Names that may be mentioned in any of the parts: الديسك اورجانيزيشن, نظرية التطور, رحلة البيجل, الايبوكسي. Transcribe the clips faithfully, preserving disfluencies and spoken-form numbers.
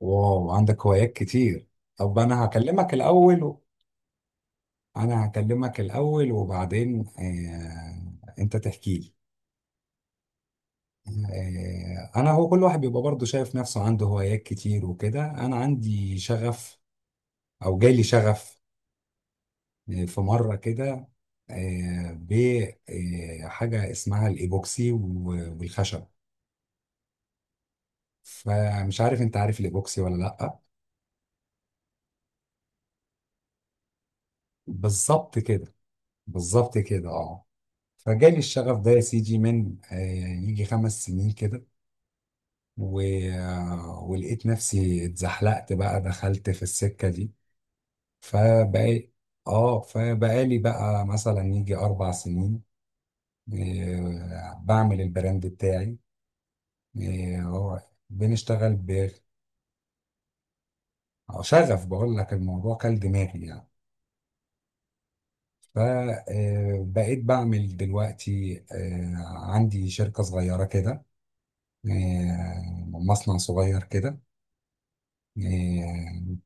واو، عندك هوايات كتير. طب انا هكلمك الاول و... انا هكلمك الاول وبعدين، آه... انت تحكي لي. آه... انا هو كل واحد بيبقى برضه شايف نفسه عنده هوايات كتير وكده. انا عندي شغف، او جالي شغف آه، في مرة كده آه... بحاجة اسمها الايبوكسي و- والخشب. فمش عارف، انت عارف الايبوكسي ولا لا؟ بالظبط كده. بالظبط كده، اه. فجالي الشغف ده يا سيدي من آه، يجي خمس سنين كده و... آه، ولقيت نفسي اتزحلقت، بقى دخلت في السكة دي. فبقى اه فبقالي بقى مثلا يجي أربع سنين آه، بعمل البراند بتاعي. آه، هو بنشتغل ب آه، شغف، بقول لك الموضوع كل دماغي يعني. فبقيت بعمل دلوقتي آه، عندي شركة صغيرة كده، آه، مصنع صغير كده، إيه،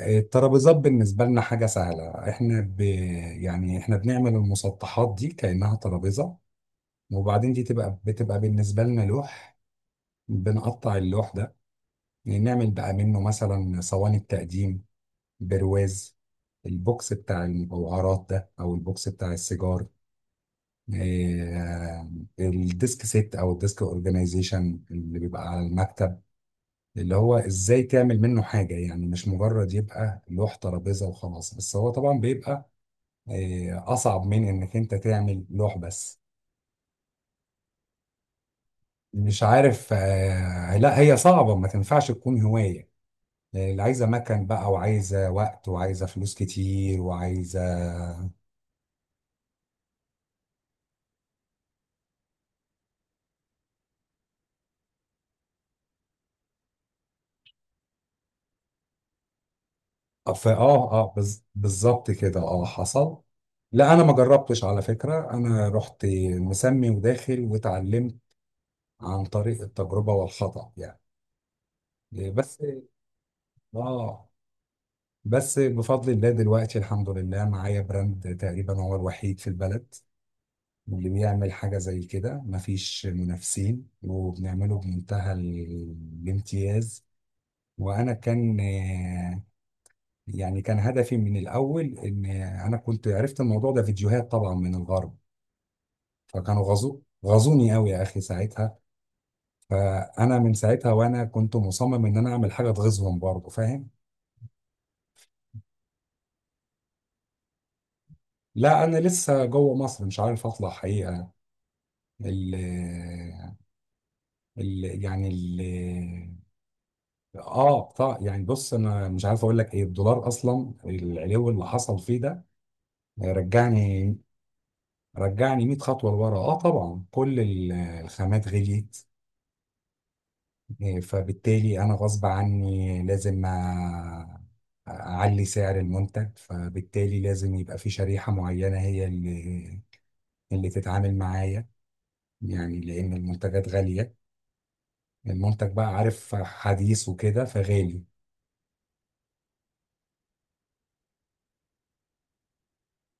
الترابيزات بالنسبة لنا حاجة سهلة، احنا ب... يعني احنا بنعمل المسطحات دي كأنها ترابيزة. وبعدين دي تبقى بتبقى بالنسبة لنا لوح، بنقطع اللوح ده. يعني نعمل بقى منه مثلا صواني التقديم، برواز، البوكس بتاع المجوهرات ده او البوكس بتاع السيجار، إيه، الديسك سيت او الديسك اورجانيزيشن اللي بيبقى على المكتب. اللي هو ازاي تعمل منه حاجة، يعني مش مجرد يبقى لوح ترابيزة وخلاص، بس هو طبعا بيبقى آه، أصعب من إنك أنت تعمل لوح بس. مش عارف، آه، لا هي صعبة، ما تنفعش تكون هواية. آه، اللي عايزة مكان بقى، وعايزة وقت، وعايزة فلوس كتير، وعايزة ف- اه اه بز- بالظبط كده، اه حصل. لا انا ما جربتش على فكرة، انا رحت مسمي وداخل واتعلمت عن طريق التجربة والخطأ يعني، بس. اه، بس بفضل الله دلوقتي الحمد لله معايا براند تقريبا هو الوحيد في البلد اللي بيعمل حاجة زي كده، مفيش منافسين، وبنعمله بمنتهى ال- الامتياز. وأنا كان آه، يعني كان هدفي من الأول إن أنا كنت عرفت الموضوع ده فيديوهات طبعا من الغرب، فكانوا غزو غزوني قوي يا أخي ساعتها. فأنا من ساعتها وأنا كنت مصمم إن أنا أعمل حاجة تغيظهم برضه، فاهم؟ لا أنا لسه جوه مصر، مش عارف أطلع حقيقة. ال- ال يعني ال اه بتاع يعني، بص انا مش عارف اقول لك ايه، الدولار اصلا العلو اللي حصل فيه ده رجعني، رجعني مية خطوه لورا. اه طبعا كل ال- الخامات غليت، آه، فبالتالي انا غصب عني لازم أ- اعلي سعر المنتج، فبالتالي لازم يبقى في شريحه معينه هي اللي، اللي تتعامل معايا، يعني لان المنتجات غاليه، المنتج بقى عارف حديث وكده فغالي.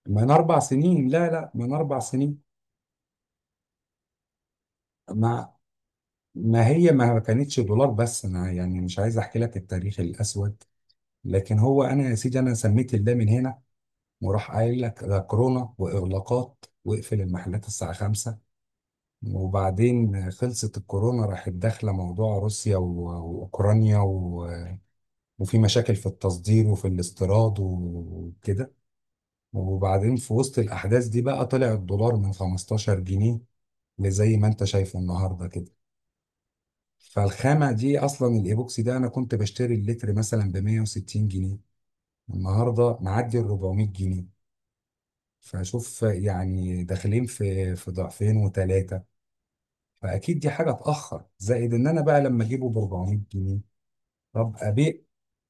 من اربع سنين. لا لا، من اربع سنين ما ما هي ما كانتش دولار بس، انا يعني مش عايز احكي لك التاريخ الاسود، لكن هو انا يا سيدي انا سميت الله من هنا وراح قايل لك ده كورونا واغلاقات، واقفل المحلات الساعه خمسة. وبعدين خلصت الكورونا، راحت داخله موضوع روسيا و- واوكرانيا، و- وفي مشاكل في التصدير وفي الاستيراد وكده. وبعدين في وسط الاحداث دي بقى طلع الدولار من خمستاشر جنيه لزي ما انت شايفه النهارده كده. فالخامة دي أصلا، الإيبوكسي ده، أنا كنت بشتري اللتر مثلا ب مائة وستين جنيه، النهاردة معدي ال اربعمية جنيه. فشوف يعني داخلين في في ضعفين وثلاثة. فأكيد دي حاجة تأخر، زائد إن أنا بقى لما أجيبه ب اربعمية جنيه، طب أبيع؟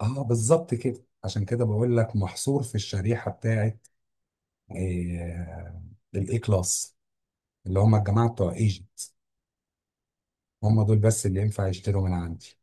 أه بالظبط كده، عشان كده بقول لك محصور في الشريحة بتاعت آه، الإي كلاس، اللي هم الجماعة بتوع ايجيبت، هم دول بس اللي ينفع يشتروا من عندي.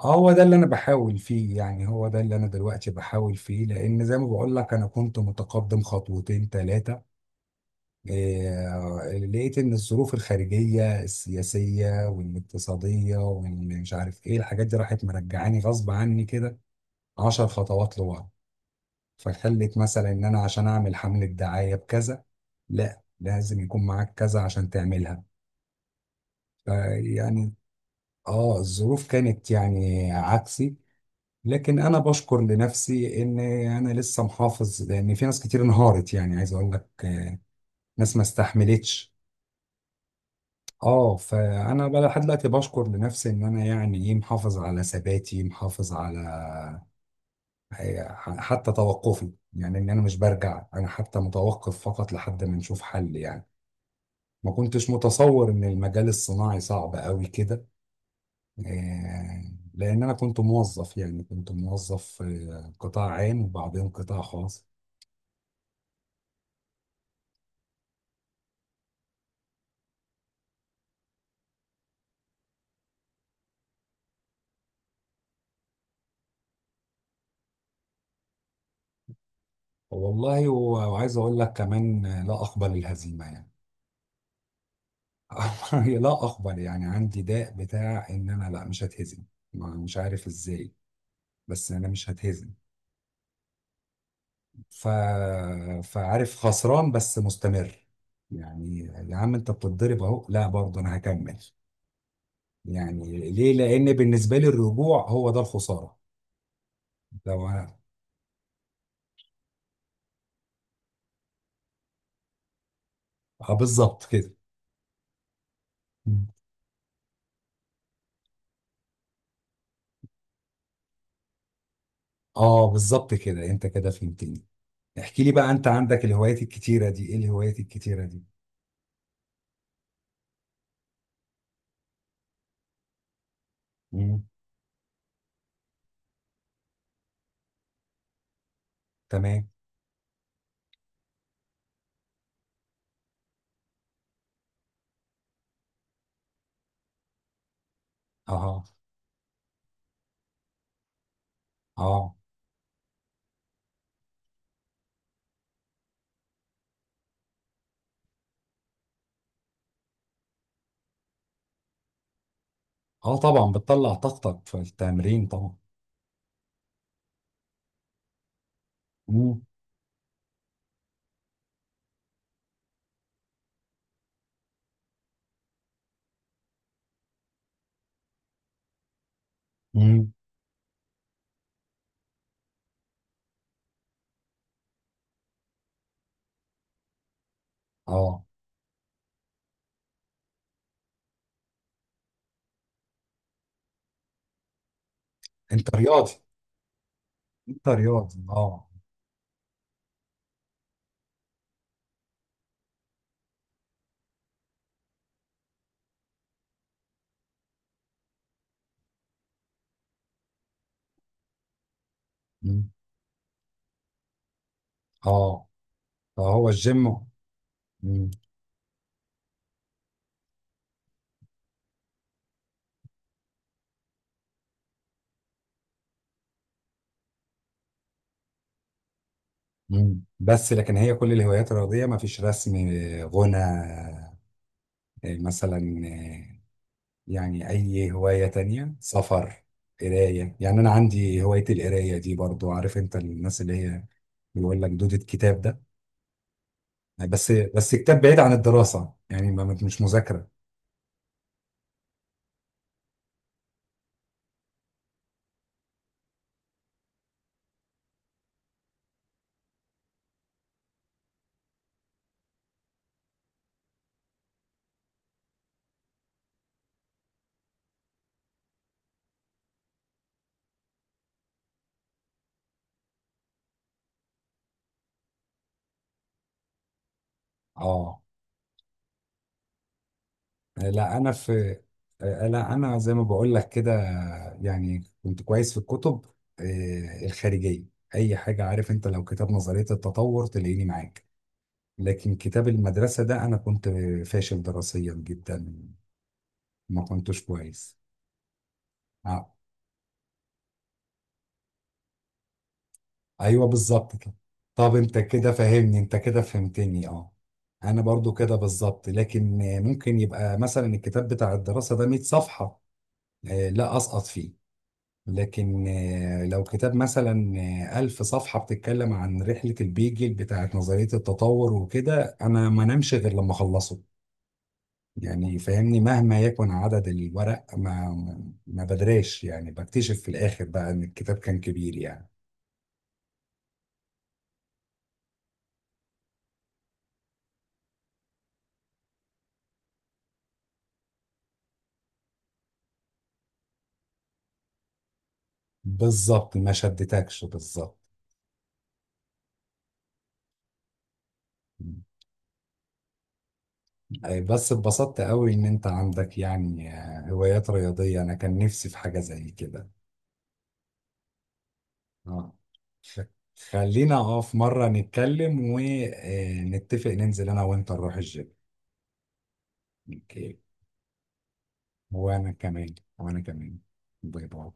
هو ده اللي انا بحاول فيه، يعني هو ده اللي انا دلوقتي بحاول فيه، لان زي ما بقول لك انا كنت متقدم خطوتين ثلاثة، لقيت ان الظروف الخارجية السياسية والاقتصادية ومش عارف ايه الحاجات دي راحت مرجعاني غصب عني كده عشر خطوات لورا. فخلت مثلا ان انا عشان اعمل حملة دعاية بكذا، لا لازم يكون معاك كذا عشان تعملها، فيعني اه الظروف كانت يعني عكسي. لكن انا بشكر لنفسي ان انا لسه محافظ، لان في ناس كتير انهارت يعني، عايز اقول لك آه، ناس ما استحملتش. اه فانا بقى لحد دلوقتي بشكر لنفسي ان انا يعني ايه محافظ على ثباتي، محافظ على آه، حتى توقفي، يعني ان انا مش برجع، انا حتى متوقف فقط لحد ما نشوف حل يعني. ما كنتش متصور ان المجال الصناعي صعب قوي كده، آه، لان انا كنت موظف يعني، كنت موظف في قطاع عام وبعدين قطاع خاص. والله و- وعايز اقول لك كمان، لا اقبل الهزيمه يعني. لا اقبل يعني، عندي داء بتاع ان انا لا مش هتهزم، ما- مش عارف ازاي، بس انا مش هتهزم. ف... فعارف خسران بس مستمر يعني. يا عم انت بتتضرب اهو، لا برضه انا هكمل، يعني ليه؟ لان بالنسبه لي الرجوع هو ده الخساره. لو انا آه، بالظبط كده. مم. اه بالظبط كده، انت كده فهمتني. احكي لي بقى، انت عندك الهوايات الكتيره دي، ايه الهوايات الكتيره دي؟ مم. تمام. اه. اه. اه طبعا بتطلع طاقتك في التمرين طبعا. مم. مم. اه. انت رياضي؟ انت رياضي؟ اه. مم. اه فهو الجيم. مم. مم. بس لكن هي كل الهوايات الرياضية، ما فيش رسم، غنى مثلا، يعني اي هواية تانية، سفر، قراية. يعني انا عندي هواية القراية دي برضو، عارف انت الناس اللي هي بيقول لك دودة كتاب ده. يعني بس بس كتاب بعيد عن الدراسة يعني، ما مش مذاكرة. اه. لا انا في لا انا زي ما بقول لك كده، يعني كنت كويس في الكتب آه، الخارجية، اي حاجة. عارف انت، لو كتاب نظرية التطور تلاقيني معاك. لكن كتاب المدرسة ده انا كنت فاشل دراسيا جدا، ما كنتش كويس. آه. ايوه بالظبط كده. طب انت كده فاهمني، انت كده فهمتني اه. انا برضو كده بالظبط، لكن آه، ممكن يبقى مثلا الكتاب بتاع الدراسة ده مية صفحة آه، لا اسقط فيه، لكن آه، لو كتاب مثلا آه، ألف صفحة بتتكلم عن رحلة البيجل بتاعت نظرية التطور وكده، أنا ما نمشي غير لما أخلصه، يعني فاهمني؟ مهما يكن عدد الورق، ما ما بدريش يعني، بكتشف في الآخر بقى إن الكتاب كان كبير يعني. بالظبط ما شدتكش، بالظبط. أي بس اتبسطت قوي ان انت عندك يعني آه، هوايات رياضية، انا كان نفسي في حاجة زي كده. اه. ف- خلينا اه في مرة نتكلم ونتفق ننزل انا وانت نروح الجيم. اوكي. وانا كمان، وانا كمان. باي باي.